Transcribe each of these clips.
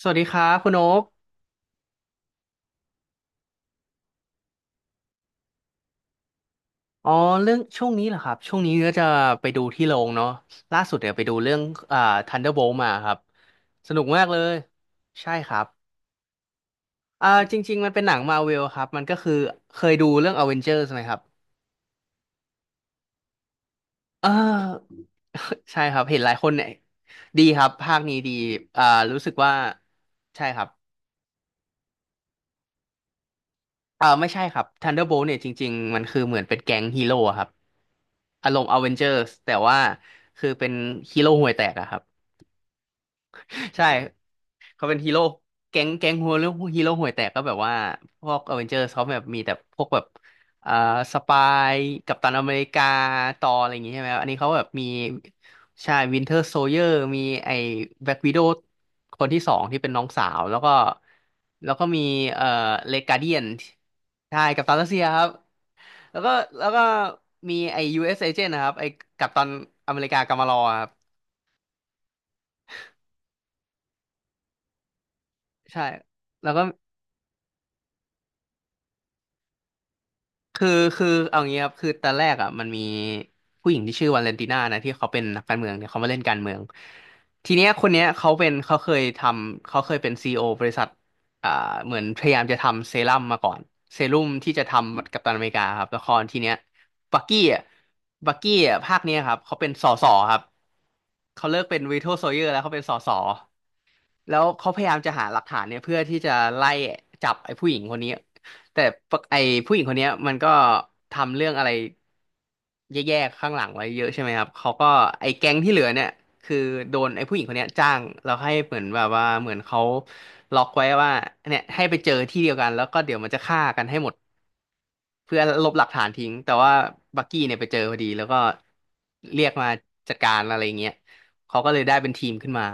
สวัสดีครับคุณโอ๊กอ๋อเรื่องช่วงนี้เหรอครับช่วงนี้ก็จะไปดูที่โรงเนาะล่าสุดเนี่ยไปดูเรื่องอ่า Thunderbolt มาครับสนุกมากเลยใช่ครับจริงๆมันเป็นหนังมาเวลครับมันก็คือเคยดูเรื่อง Avengers ไหมครับเออ ใช่ครับเห็นหลายคนเนี่ยดีครับภาคนี้ดีอ่ารู้สึกว่าใช่ครับไม่ใช่ครับ Thunderbolt เนี่ยจริงๆมันคือเหมือนเป็นแก๊งฮีโร่อะครับอารมณ์ Avengers แต่ว่าคือเป็นฮีโร่ห่วยแตกอะครับ ใช่เขาเป็นฮีโร่แก๊งหัวเรื่องฮีโร่ห่วยแตกก็แบบว่าพวกอเวนเจอร์เขาแบบมีแต่พวกแบบอ่าสปายกัปตันอเมริกาตอร์อะไรอย่างงี้ใช่ไหมครับอันนี้เขาแบบมีใช่วินเทอร์โซเยอร์มีไอ้แบล็กวิโดว์คนที่สองที่เป็นน้องสาวแล้วก็มีเอ่อเลกาเดียนใช่กัปตันรัสเซียครับแล้วก็แล้วก็มีไอ้ US Agent นะครับไอ้กัปตันอเมริกากามารอครับใช่แล้วก็ คือคือเอางี้ครับคือตอนแรกอ่ะมันมีผู้หญิงที่ชื่อวาเลนติน่านะที่เขาเป็นนักการเมืองเนี่ยเขามาเล่นการเมืองทีเนี้ยคนเนี้ยเขาเป็นเขาเคยทำเขาเคยเป็นซีอีโอบริษัทอ่าเหมือนพยายามจะทำเซรั่มมาก่อนเซรั่มที่จะทำกัปตันอเมริกาครับละครทีเนี้ยบักกี้อ่ะบักกี้อ่ะภาคเนี้ยครับเขาเป็นสสครับเขาเลิกเป็นวีโ o โซเยอร์แล้วเขาเป็นสส แล้วเขาพยายามจะหาหลักฐานเนี่ยเพื่อที่จะไล่จับไอ้ผู้หญิงคนนี้แต่ปะไอ้ผู้หญิงคนเนี้ยมันก็ทำเรื่องอะไรแย่ๆข้างหลังไว้เยอะใช่ไหมครับเขาก็ไอ้แก๊งที่เหลือเนี่ยคือโดนไอ้ผู้หญิงคนเนี้ยจ้างแล้วให้เหมือนแบบว่าเหมือนเขาล็อกไว้ว่าเนี่ยให้ไปเจอที่เดียวกันแล้วก็เดี๋ยวมันจะฆ่ากันให้หมดเพื่อลบหลักฐานทิ้งแต่ว่าบักกี้เนี่ยไปเจอพอดีแล้วก็เรียกมาจัดการอะไรอย่างเงี้ยเขาก็เลยได้เป็นทีมขึ้นมา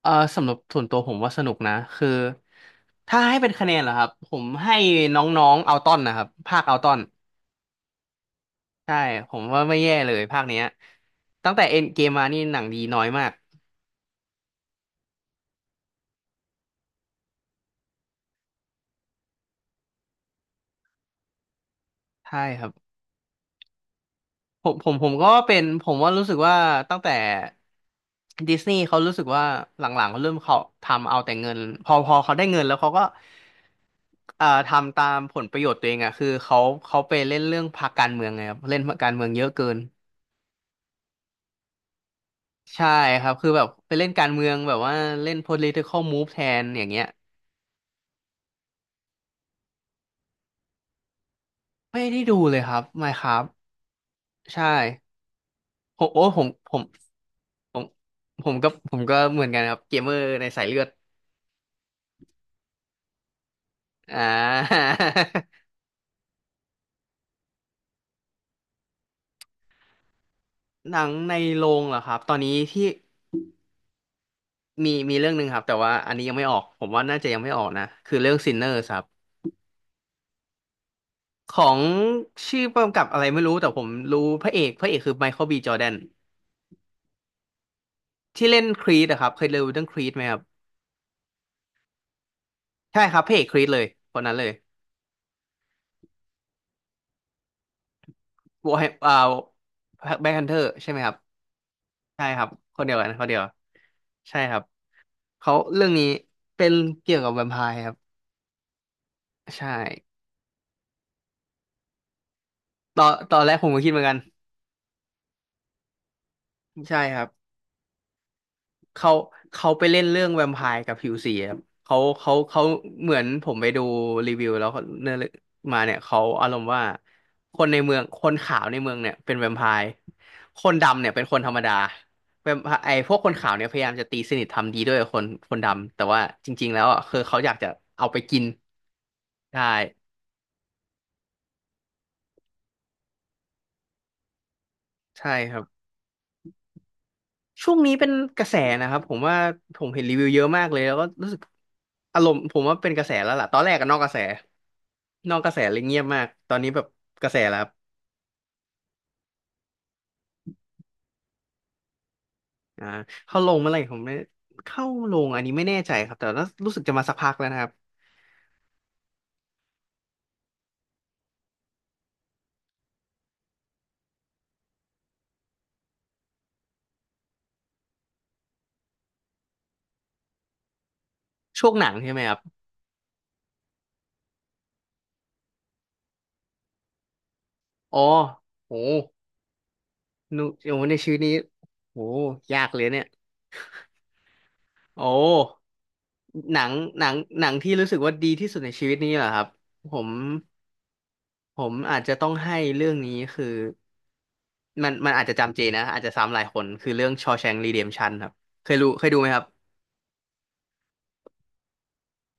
เออสำหรับส่วนตัวผมว่าสนุกนะคือถ้าให้เป็นคะแนนเหรอครับผมให้น้องๆเอาต้อนนะครับภาคเอาต้อนใช่ผมว่าไม่แย่เลยภาคเนี้ยตั้งแต่เอ็นเกมมานี่หนังดีน้อยมากใช่ครับผมก็เป็นผมว่ารู้สึกว่าตั้งแต่ดิสนีย์เขารู้สึกว่าหลังๆเขาเริ่มเขาทำเอาแต่เงินพอเขาได้เงินแล้วเขาก็ทำตามผลประโยชน์ตัวเองอะคือเขาเขาไปเล่นเรื่องพรรคการเมืองไงครับเล่นพรรคการเมืองเยอะเกิน ใช่ครับคือแบบไปเล่นการเมืองแบบว่าเล่น political move แทนอย่างเงี้ยไม่ได้ดูเลยครับ Minecraft ใช่ผมโอ้ผมผมผมผมก็เหมือนกันครับเกมเมอร์ในสายเลือดอ่า หนังในโรงเหรอครับตอนนี้ที่มีเรื่องหนึ่งครับแต่ว่าอันนี้ยังไม่ออกผมว่าน่าจะยังไม่ออกนะคือเรื่อง Sinners ครับของชื่อกำกับอะไรไม่รู้แต่ผมรู้พระเอกคือไมเคิลบีจอร์แดนที่เล่นครีดอะครับเคยดูเรื่องครีดไหมครับใช่ครับพระเอกครีดเลยคนนั้นเลย วอร์แฮมแบ็คฮันเตอร์ใช่ไหมครับใช่ครับคนเดียวกันคนเดียวใช่ครับเขาเรื่องนี้เป็นเกี่ยวกับแวมไพร์ครับใช่ตอนแรกผมก็คิดเหมือนกันใช่ครับ เขาเขาไปเล่นเรื่องแวมไพร์กับผิวสีครับเขาเหมือนผมไปดูรีวิวแล้วเขานื้อเรื่องมาเนี่ยเขาอารมณ์ว่าคนในเมืองคนขาวในเมืองเนี่ยเป็นแวมไพร์คนดำเนี่ยเป็นคนธรรมดาแวมไพร์ไอ้พวกคนขาวเนี่ยพยายามจะตีสนิททำดีด้วยกับคนคนดำแต่ว่าจริงๆแล้วอ่ะคือเขาอยากจะเอาไปกินได้ใช่ครับ ช่วงนี้เป็นกระแสนะครับผมว่าผมเห็นรีวิวเยอะมากเลยแล้วก็รู้สึกอารมณ์ผมว่าเป็นกระแสแล้วล่ะตอนแรกก็นอกกระแสนอกกระแสเลยเงียบมากตอนนี้แบบกระแสแล้วครับอ่าเข้าลงเมื่อไหร่ผมไม่เข้าลงอันนี้ไม่แน่ใจครับแต่ว่ารู้สึกจะมาสักพักแล้วนะครับช่วงหนังใช่ไหมครับอ๋อโหนูโอ้ในชีวิตนี้โหยากเลยเนี่ยโอ้หนังหนังที่รู้สึกว่าดีที่สุดในชีวิตนี้เหรอครับผมผมอาจจะต้องให้เรื่องนี้คือ มันอาจจะจำเจนะอาจจะซ้ำหลายคนคือเรื่อง Shawshank Redemption ครับเคยรู้เคยดูไหมครับ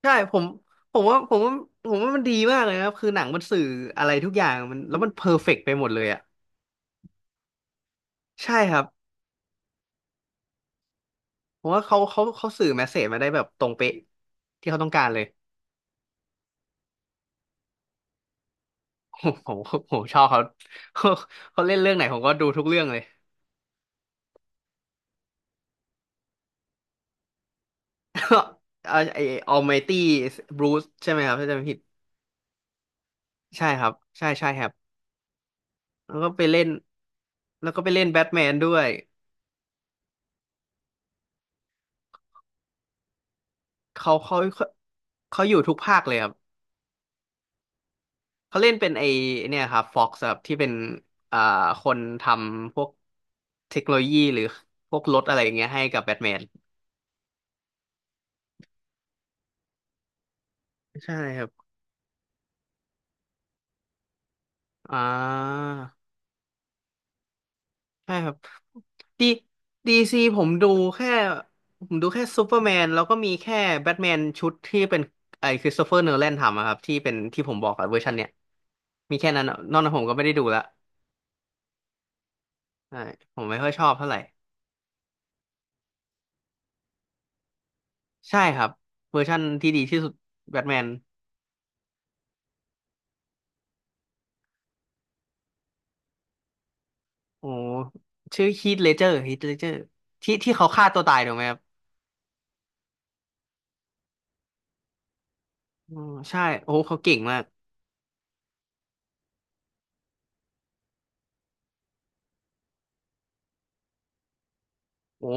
ใช่ผมผมว่าผมว่าผมว่ามันดีมากเลยนะครับคือหนังมันสื่ออะไรทุกอย่างมันแล้วมันเพอร์เฟกต์ไปหมดเลยอ่ะใช่ครับผมว่าเขาสื่อแมสเสจมาได้แบบตรงเป๊ะที่เขาต้องการเลย ผมผมผมชอบเขา เขาเขาเล่นเรื่องไหนผมก็ดูทุกเรื่องเลย ไอ Almighty Bruce ใช่ไหมครับถ้าจำไม่ผิดใช่ครับใช่ใช่ครับแล้วก็ไปเล่นแล้วก็ไปเล่นแบทแมนด้วย เขาเขาเขาเขาอยู่ทุกภาคเลยครับเขาเล่นเป็นไอเนี่ยครับฟ็อกซ์ครับที่เป็นอ่าคนทำพวกเทคโนโลยีหรือพวกรถอะไรอย่างเงี้ยให้กับแบทแมนใช่ครับอ่าใช่ครับดีดีซีผมดูแค่ผมดูแค่ซูเปอร์แมนแล้วก็มีแค่แบทแมนชุดที่เป็นไอคริสโตเฟอร์โนแลนทำอะครับที่เป็นที่ผมบอกอะเวอร์ชันเนี้ยมีแค่นั้นอะนอกนั้นผมก็ไม่ได้ดูละใช่ผมไม่ค่อยชอบเท่าไหร่ ใช่ครับเวอร์ชั่นที่ดีที่สุดแบทแมนโอ้ชื่อฮีทเลเจอร์ที่ที่เขาฆ่าตัวตายถูกไหมครับอ๋อใช่โอ้เขาเก่งมากโอ้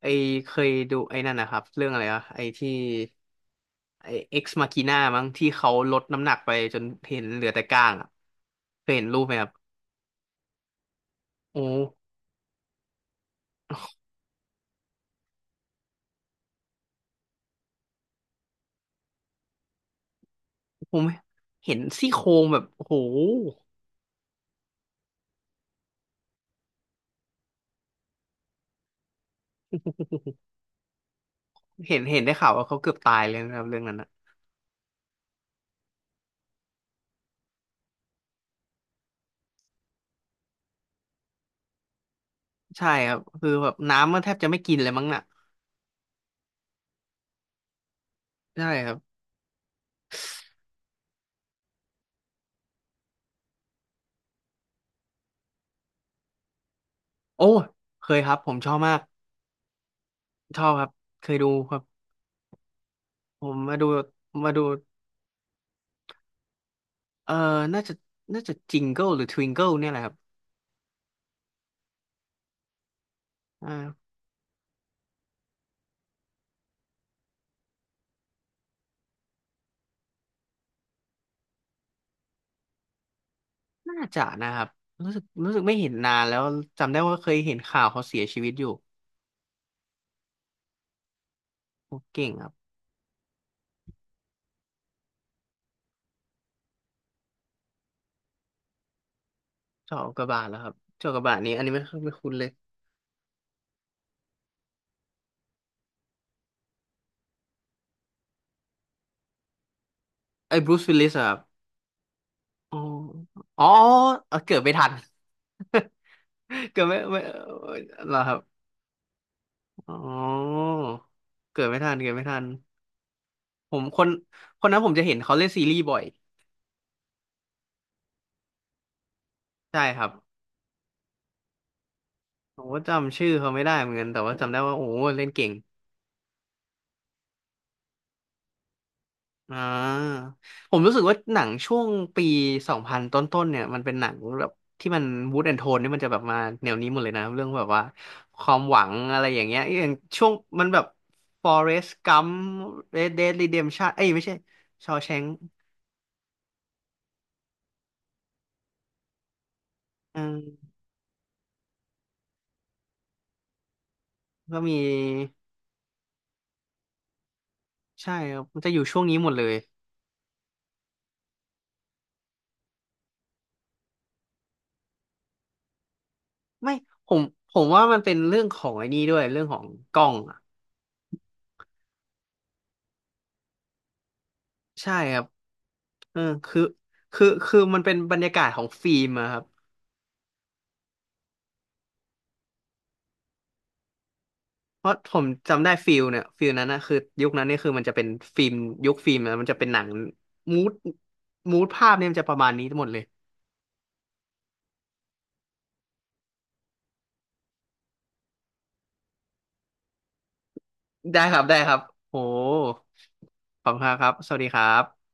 ไอเคยดูไอ้นั่นนะครับเรื่องอะไรอะไอที่ไอเอ็กซ์มาคีน่ามั้งที่เขาลดน้ำหนักไปจนเห็นเหลือแต่ก้างอะเคยเห็นรูปไหมครับโอ้ผมเห็นซี่โครงแบบโอ้โหเห็นเห็นได้ข่าวว่าเขาเกือบตายเลยนะครับเรื่องนั้นนะใช่ครับคือแบบน้ำมันแทบจะไม่กินเลยมั้งน่ะใช่ครับ โอ้เคยครับผมชอบมากชอบครับเคยดูครับผมมาดูมาดูเออน่าจะน่าจะจิงเกิลหรือทวิงเกิลเนี่ยแหละครับอ่าน่าจะนะครับรู้สึกไม่เห็นนานแล้วจำได้ว่าเคยเห็นข่าวเขาเสียชีวิตอยู่โอ้เก่งครับเจาะอุกกาบาตแล้วครับเจาะอุกกาบาตนี้อันนี้ไม่คุ้นเลยไอ้บรูซวิลลิสครับอ๋ออ๋อเออเกิดไม่ทัน เกิดไม่ไม่เออเหรอครับอ๋อเกิดไม่ทันเกิดไม่ทัน ผมคนนั้นผมจะเห็นเขาเล่นซีรีส์บ่อยใช่ครับผมก็จำชื่อเขาไม่ได้เหมือนกันแต่ว่าจำได้ว่าโอ้เล่นเก่งอ่าผมรู้สึกว่าหนังช่วงปี2000ต้นๆเนี่ยมันเป็นหนังแบบที่มันมูดแอนโทนนี่มันจะแบบมาแนวนี้หมดเลยนะเรื่องแบบว่าความหวังอะไรอย่างเงี้ยอย่างช่วงมันแบบ Forrest Gump Red Dead Redemption เอ้ยไม่ใช่ Shawshank อืมก็มีใช่ครับมันจะอยู่ช่วงนี้หมดเลย ไม่ผมผมว่ามันเป็นเรื่องของไอ้นี่ด้วยเรื่องของกล้องอ่ะใช่ครับเออคือมันเป็นบรรยากาศของฟิล์มอะครับเพราะผมจำได้ฟิลเนี่ยฟิลนั้นนะคือยุคนั้นเนี่ยคือมันจะเป็นฟิล์มยุคฟิล์มนะมันจะเป็นหนังมูดมูดภาพเนี่ยมันจะประมาณนี้ทั้งหมดเลยได้ครับได้ครับโหขอบคุณครับสวัสดีครับ